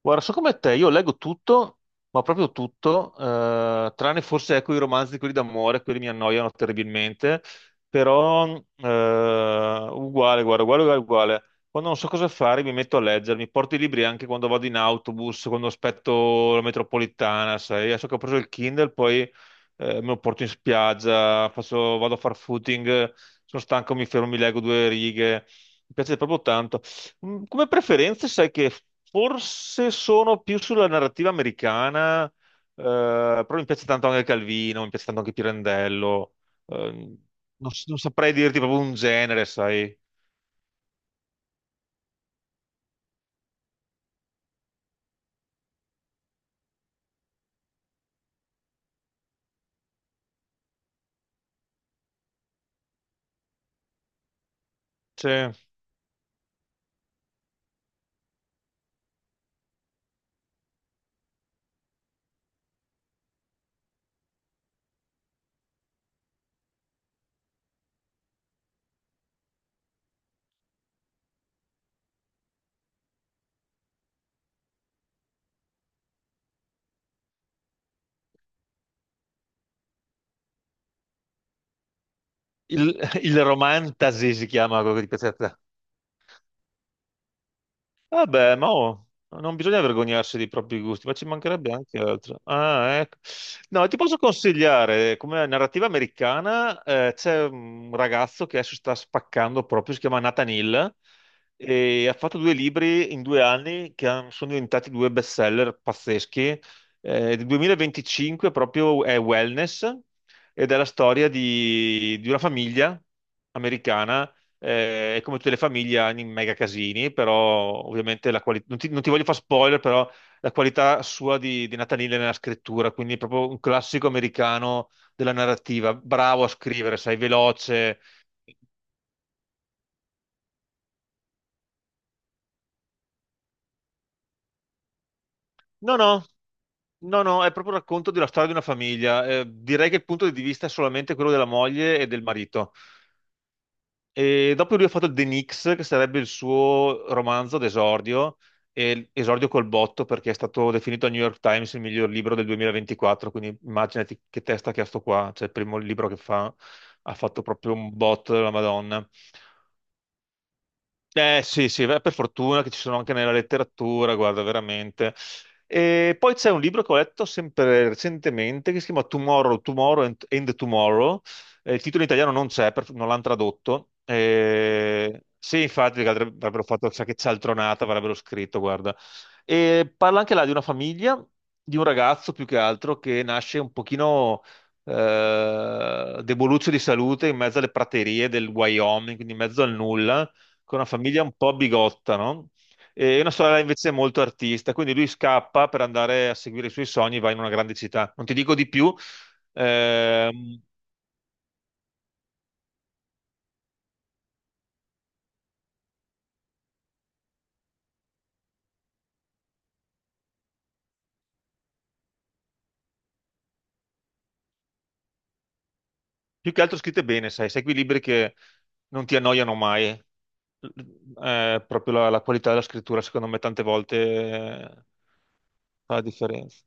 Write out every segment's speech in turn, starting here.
Guarda, so come te, io leggo tutto, ma proprio tutto, tranne forse ecco i romanzi, quelli d'amore, quelli mi annoiano terribilmente, però eh, uguale, guarda, uguale, uguale, uguale. Quando non so cosa fare mi metto a leggere, mi porto i libri anche quando vado in autobus, quando aspetto la metropolitana, sai, adesso che ho preso il Kindle poi me lo porto in spiaggia, vado a far footing, sono stanco, mi fermo, mi leggo due righe, mi piace proprio tanto. Come preferenze, sai che forse sono più sulla narrativa americana, però mi piace tanto anche Calvino, mi piace tanto anche Pirandello. eh, non saprei dirti proprio un genere, sai. Cioè, il romantasy si chiama quello che ti piace a te. Vabbè, ma oh, non bisogna vergognarsi dei propri gusti, ma ci mancherebbe anche altro. Ah, ecco. No, ti posso consigliare, come narrativa americana, c'è un ragazzo che adesso sta spaccando proprio, si chiama Nathan Hill, e ha fatto due libri in 2 anni che sono diventati due bestseller pazzeschi. Del 2025 proprio è Wellness ed è la storia di una famiglia americana, e come tutte le famiglie hanno i mega casini, però ovviamente la qualità, non ti voglio fare spoiler, però la qualità sua di Nathanille nella scrittura, quindi proprio un classico americano della narrativa, bravo a scrivere, sai, veloce. No, no, no, no, è proprio il racconto della storia di una famiglia. Direi che il punto di vista è solamente quello della moglie e del marito. E dopo lui ha fatto The Nix, che sarebbe il suo romanzo d'esordio, e esordio col botto perché è stato definito al New York Times il miglior libro del 2024, quindi immaginati che testa che ha sto qua, cioè il primo libro che fa, ha fatto proprio un botto della Madonna. Eh sì, sì, beh, per fortuna che ci sono anche nella letteratura, guarda, veramente. E poi c'è un libro che ho letto sempre recentemente che si chiama Tomorrow, Tomorrow and Tomorrow. Il titolo in italiano non c'è, non l'hanno tradotto. Sì, infatti, perché avrebbero fatto chissà che cialtronata, avrebbero scritto, guarda. E parla anche là di una famiglia, di un ragazzo più che altro che nasce un pochino deboluccio di salute in mezzo alle praterie del Wyoming, quindi in mezzo al nulla con una famiglia un po' bigotta, no? E una sorella invece è molto artista, quindi lui scappa per andare a seguire i suoi sogni, va in una grande città. Non ti dico di più, ehm, più che altro scritte bene, sai, sai quei libri che non ti annoiano mai. Proprio la qualità della scrittura, secondo me, tante volte eh, fa la differenza.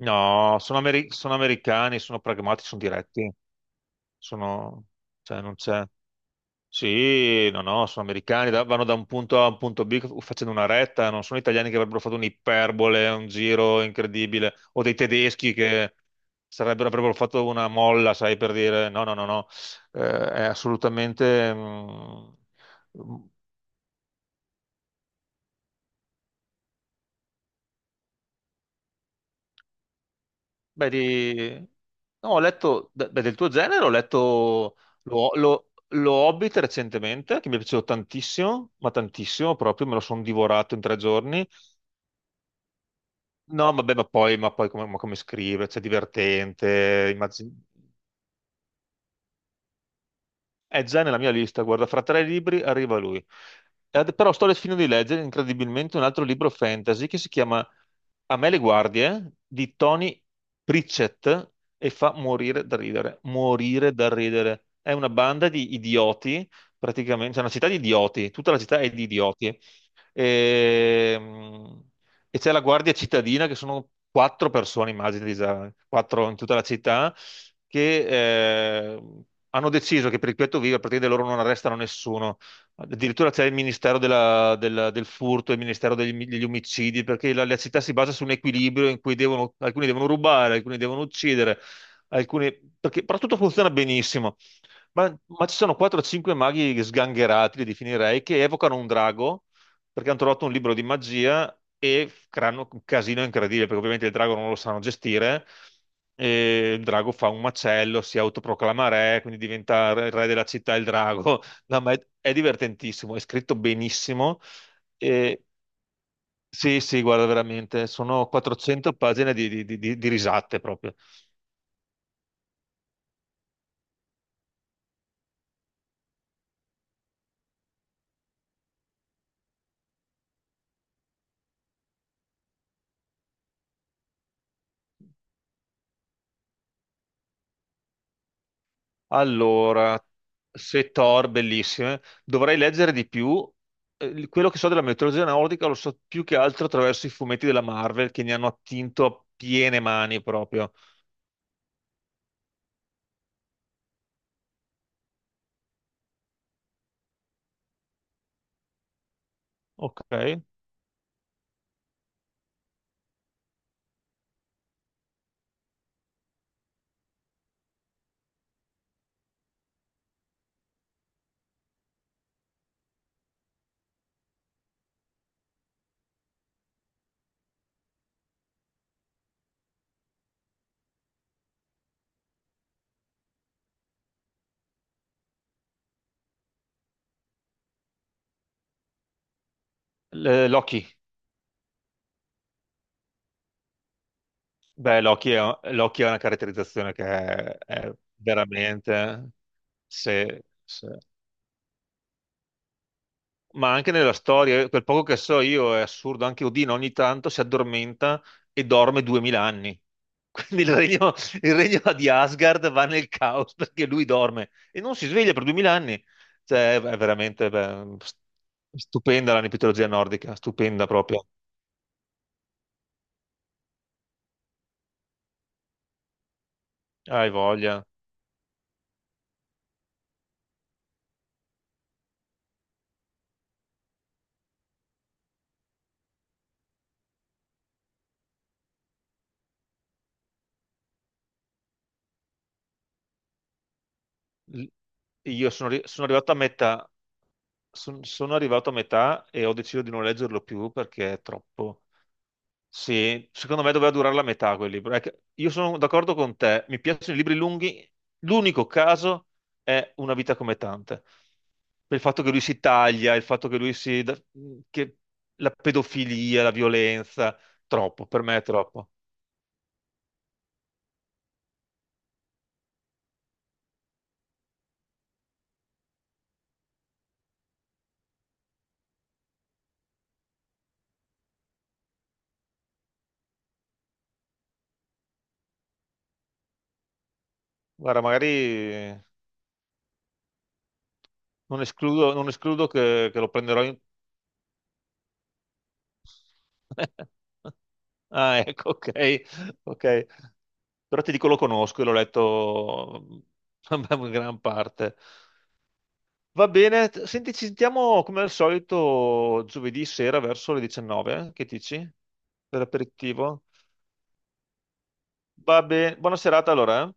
No, sono, sono americani, sono pragmatici, sono diretti, sono, cioè non c'è. Sì, no, no, sono americani, vanno da un punto A a un punto B facendo una retta, non sono italiani che avrebbero fatto un'iperbole, un giro incredibile, o dei tedeschi che avrebbero fatto una molla, sai, per dire no, no, no, no. È assolutamente, mm, beh, di. No, ho letto, beh, del tuo genere, ho letto lo Hobbit recentemente, che mi è piaciuto tantissimo, ma tantissimo proprio, me lo sono divorato in 3 giorni. No, vabbè, ma come scrive, c'è divertente, è già nella mia lista, guarda, fra tre libri arriva lui. Però sto finendo di leggere incredibilmente un altro libro fantasy che si chiama A me le guardie di Tony Pritchett e fa morire da ridere, morire da ridere. È una banda di idioti, praticamente, c'è una città di idioti, tutta la città è di idioti. Ehm, e c'è la guardia cittadina che sono quattro persone, immagini, già, quattro in tutta la città, che hanno deciso che per il piatto vivo a partire da loro non arrestano nessuno. Addirittura c'è il Ministero del furto, il Ministero degli omicidi, perché la città si basa su un equilibrio in cui alcuni devono rubare, alcuni devono uccidere, alcuni, perché, però tutto funziona benissimo. Ma ci sono 4 o 5 maghi sgangherati, li definirei, che evocano un drago perché hanno trovato un libro di magia e creano un casino incredibile, perché ovviamente il drago non lo sanno gestire, e il drago fa un macello, si autoproclama re, quindi diventa re della città il drago. No, ma è divertentissimo, è scritto benissimo. E, sì, sì, guarda, veramente, sono 400 pagine di risate proprio. Allora, se Thor, bellissime, dovrei leggere di più. Quello che so della mitologia nordica lo so più che altro attraverso i fumetti della Marvel che ne hanno attinto a piene mani proprio. Ok. Loki. Beh, Loki è una caratterizzazione che è veramente. Eh, Se, ma anche nella storia, quel poco che so io è assurdo, anche Odino ogni tanto si addormenta e dorme 2000 anni. Quindi il regno di Asgard va nel caos perché lui dorme e non si sveglia per 2000 anni. Cioè, è veramente beh, stupenda la mitologia nordica, stupenda proprio. Hai voglia. L- Io sono arrivato a metà e ho deciso di non leggerlo più perché è troppo. Sì, secondo me doveva durare la metà quel libro. È che io sono d'accordo con te, mi piacciono i libri lunghi. L'unico caso è Una vita come tante. Per il fatto che lui si taglia, il fatto che lui si, che la pedofilia, la violenza, troppo, per me è troppo. Guarda, magari non escludo che lo prenderò in. Ah, ecco, ok, ok. Però ti dico, lo conosco e l'ho letto in gran parte. Va bene, senti, ci sentiamo come al solito giovedì sera verso le 19, eh? Che dici? Per l'aperitivo. Va bene, buona serata allora, eh?